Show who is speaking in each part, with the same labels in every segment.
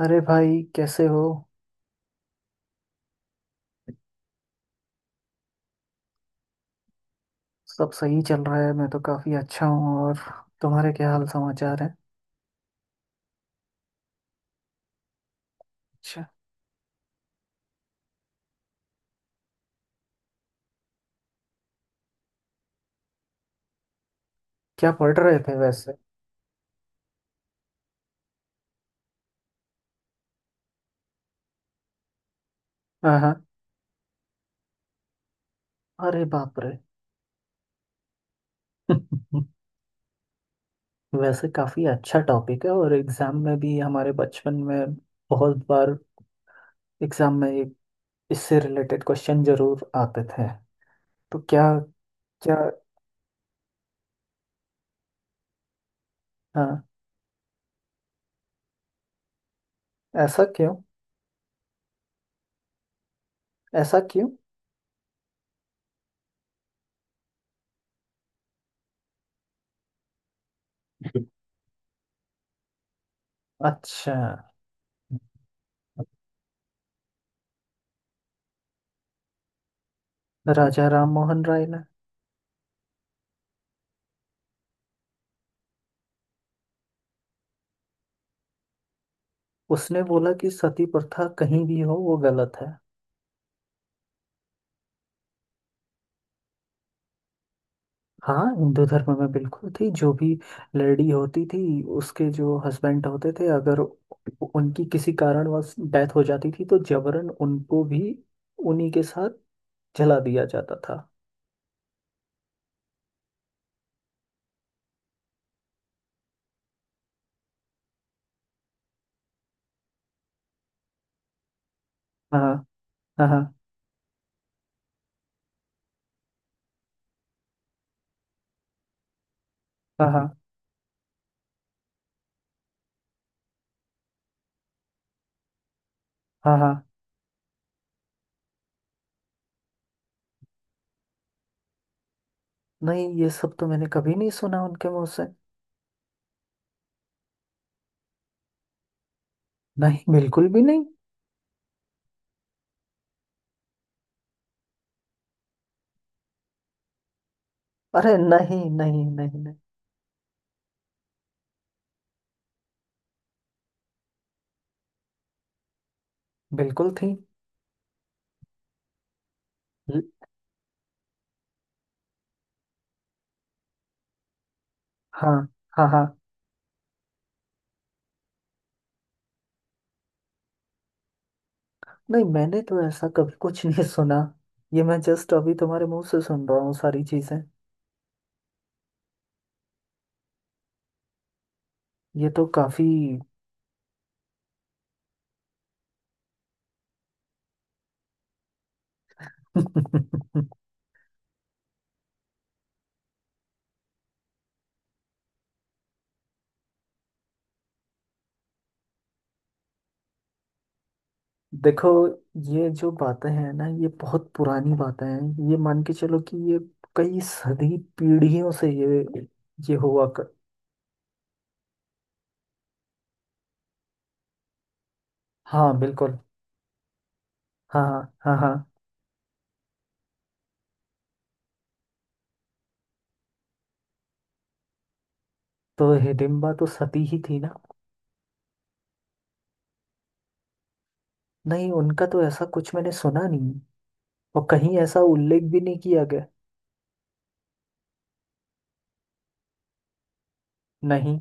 Speaker 1: अरे भाई, कैसे हो। सब सही चल रहा है। मैं तो काफी अच्छा हूँ और तुम्हारे क्या हाल समाचार है। अच्छा। क्या पढ़ रहे थे वैसे? हाँ, हाँ। अरे बाप रे। वैसे काफी अच्छा टॉपिक है, और एग्जाम में भी हमारे बचपन में बहुत बार एग्जाम में इससे रिलेटेड क्वेश्चन जरूर आते थे। तो क्या क्या। हाँ। ऐसा क्यों? ऐसा क्यों? अच्छा। राजा राम मोहन राय। उसने बोला कि सती प्रथा कहीं भी हो, वो गलत है। हाँ, हिंदू धर्म में बिल्कुल थी। जो भी लेडी होती थी, उसके जो हस्बैंड होते थे, अगर उनकी किसी कारणवश डेथ हो जाती थी तो जबरन उनको भी उन्हीं के साथ जला दिया जाता था। हाँ, हाँ, हाँ, हाँ, हाँ, हाँ, हाँ। नहीं, ये सब तो मैंने कभी नहीं सुना उनके मुंह से। नहीं, बिल्कुल भी नहीं। अरे नहीं, नहीं, नहीं, नहीं। बिल्कुल थी। ल- हाँ, हाँ, हाँ। नहीं, मैंने तो ऐसा कभी कुछ नहीं सुना। ये मैं जस्ट अभी तुम्हारे मुंह से सुन रहा हूँ सारी चीजें। ये तो काफी। देखो, ये जो बातें हैं ना, ये बहुत पुरानी बातें हैं। ये मान के चलो कि ये कई सदी पीढ़ियों से ये हुआ कर। हाँ, बिल्कुल। हाँ, हाँ, हाँ, हाँ। तो हिडिम्बा तो सती ही थी ना? नहीं, उनका तो ऐसा कुछ मैंने सुना नहीं। और कहीं ऐसा उल्लेख भी नहीं किया गया। नहीं।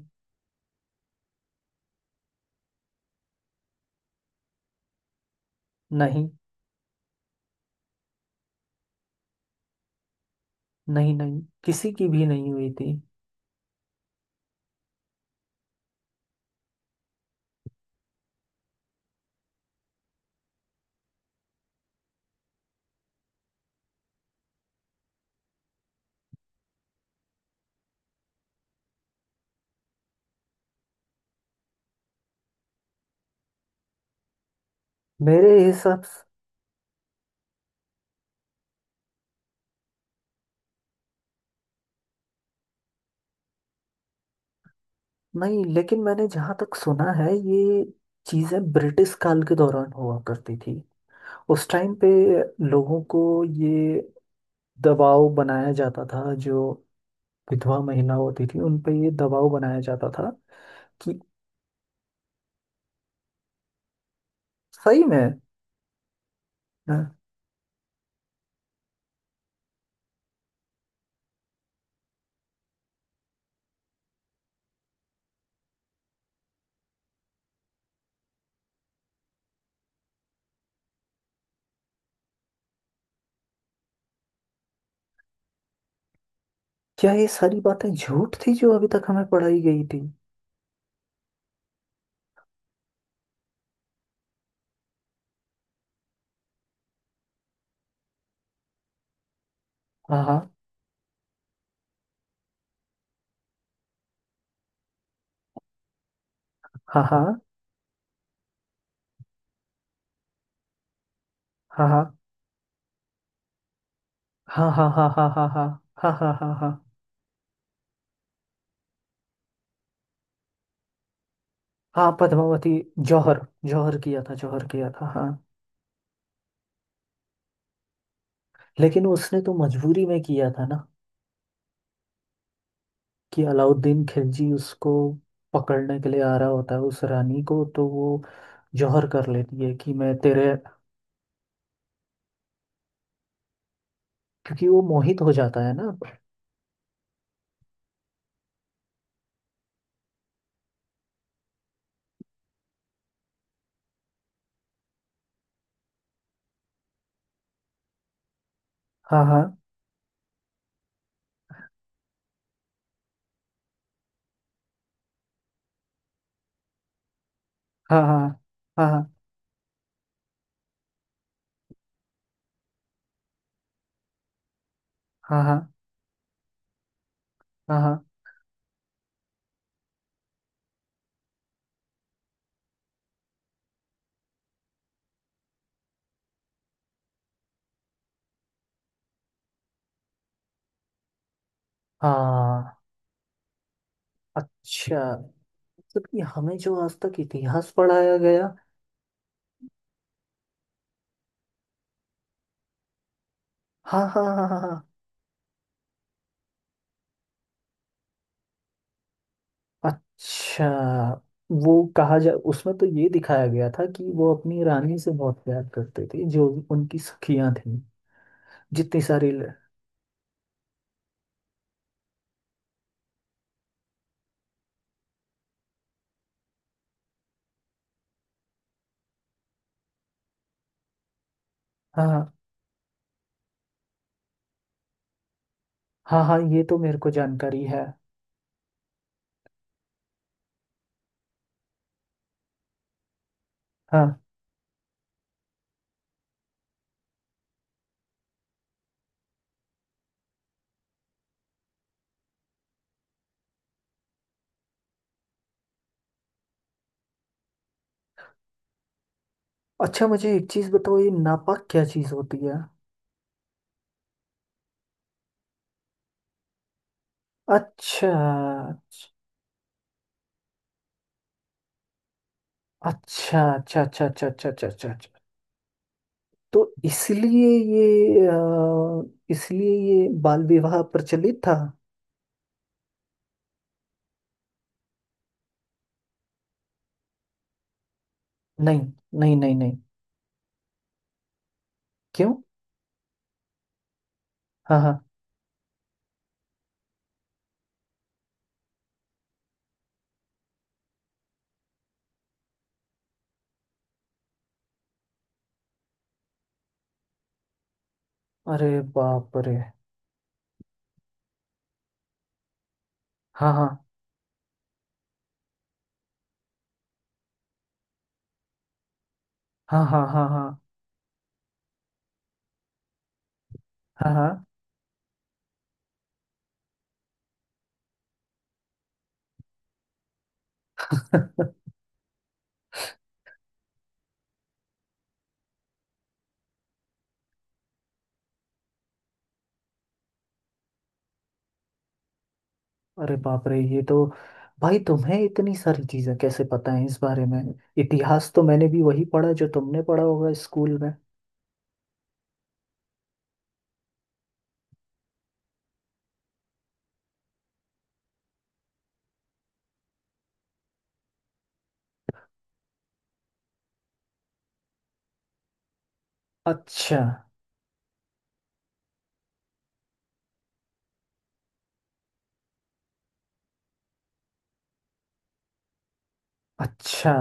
Speaker 1: नहीं, नहीं, नहीं, किसी की भी नहीं हुई थी। मेरे हिसाब से। नहीं, लेकिन मैंने जहाँ तक सुना है ये चीज़ें ब्रिटिश काल के दौरान हुआ करती थी। उस टाइम पे लोगों को ये दबाव बनाया जाता था, जो विधवा महिला होती थी उन पे ये दबाव बनाया जाता था कि। सही में? हाँ। क्या ये सारी बातें झूठ थी जो अभी तक हमें पढ़ाई गई थी? हाँ, हाँ, हाँ, हाँ, हाँ, हाँ, हाँ, हाँ, हाँ, हाँ, हाँ, हाँ, हाँ, हाँ, हाँ, हाँ, हाँ। पद्मावती। जौहर जौहर किया था, जौहर किया था, हाँ। लेकिन उसने तो मजबूरी में किया था ना? कि अलाउद्दीन खिलजी उसको पकड़ने के लिए आ रहा होता है उस रानी को, तो वो जौहर कर लेती है कि मैं तेरे। क्योंकि वो मोहित हो जाता है ना। हाँ, हाँ, हाँ, हाँ, हाँ, हाँ, हाँ, हाँ, हाँ, हाँ, हाँ। अच्छा। मतलब कि हमें जो आज तक इतिहास पढ़ाया गया। हाँ, हाँ, हाँ, हाँ, हाँ। अच्छा। वो कहा जा, उसमें तो ये दिखाया गया था कि वो अपनी रानी से बहुत प्यार करते थे। जो उनकी सखियां थी, जितनी सारी हाँ, हाँ, हाँ, हाँ। ये तो मेरे को जानकारी है। हाँ। अच्छा, मुझे एक चीज़ बताओ, ये नापाक क्या चीज़ होती है? अच्छा, अच्छा, अच्छा, अच्छा, अच्छा, अच्छा, अच्छा, अच्छा, अच्छा। तो इसलिए। ये अ, इसलिए ये बाल विवाह प्रचलित था। नहीं, नहीं, नहीं। नहीं क्यों? हाँ, हाँ। अरे बाप रे। हाँ, हाँ, हाँ, हाँ, हाँ, हाँ, हाँ, हाँ। अरे बाप रे, ये तो। भाई, तुम्हें इतनी सारी चीजें कैसे पता है इस बारे में? इतिहास तो मैंने भी वही पढ़ा जो तुमने पढ़ा होगा स्कूल में। अच्छा। अच्छा।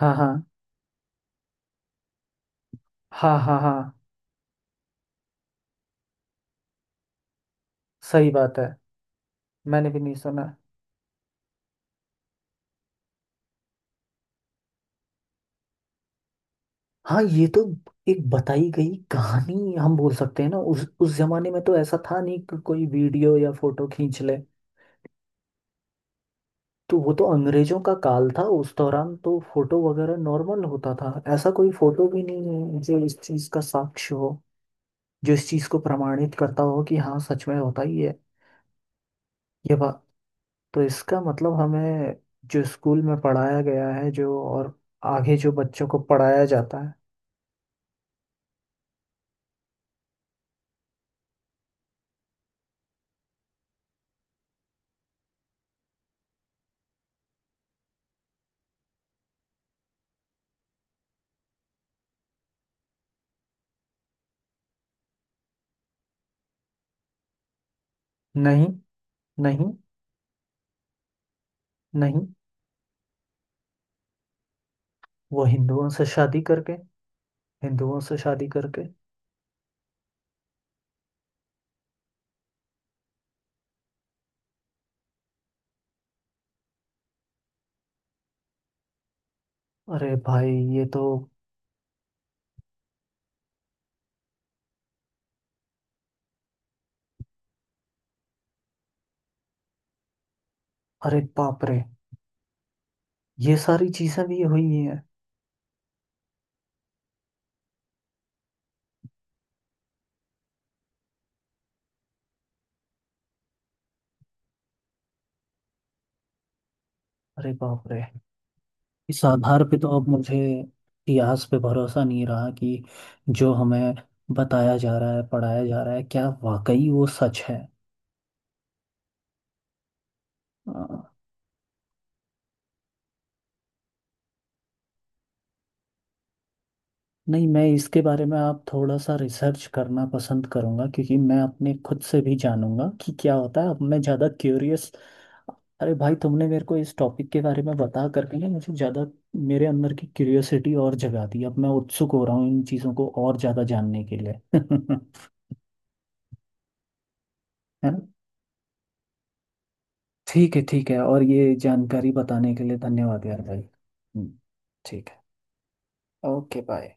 Speaker 1: हाँ, हाँ, हाँ, हाँ, हाँ। सही बात है। मैंने भी नहीं सुना। हाँ, ये तो एक बताई गई कहानी हम बोल सकते हैं ना। उस जमाने में तो ऐसा था नहीं कि कोई वीडियो या फोटो खींच ले। तो वो तो अंग्रेजों का काल था, उस दौरान तो फोटो वगैरह नॉर्मल होता था। ऐसा कोई फोटो भी नहीं है जो इस चीज का साक्ष्य हो। जो इस चीज को प्रमाणित करता हो कि हाँ, सच में होता ही है। ये बात। तो इसका मतलब हमें। जो स्कूल में पढ़ाया गया है, जो और आगे जो बच्चों को पढ़ाया जाता है। नहीं, नहीं, नहीं। वो हिंदुओं से शादी करके। हिंदुओं से शादी करके। अरे भाई, ये तो। अरे बाप रे। ये सारी चीजें भी हुई हैं। अरे बाप रे। इस आधार पे तो अब मुझे इतिहास पे भरोसा नहीं रहा कि जो हमें बताया जा रहा है, पढ़ाया जा रहा है, क्या वाकई वो सच है? अ, नहीं, मैं इसके बारे में आप थोड़ा सा रिसर्च करना पसंद करूंगा, क्योंकि मैं अपने खुद से भी जानूंगा कि क्या होता है। अब मैं ज़्यादा क्यूरियस। अरे भाई, तुमने मेरे को इस टॉपिक के बारे में बता करके ना मुझे ज़्यादा, मेरे अंदर की क्यूरियोसिटी और जगा दी। अब मैं उत्सुक हो रहा हूँ इन चीज़ों को और ज़्यादा जानने के लिए। है ना। ठीक है, ठीक है, और ये जानकारी बताने के लिए धन्यवाद यार भाई। हम्म। ठीक है। Okay bye.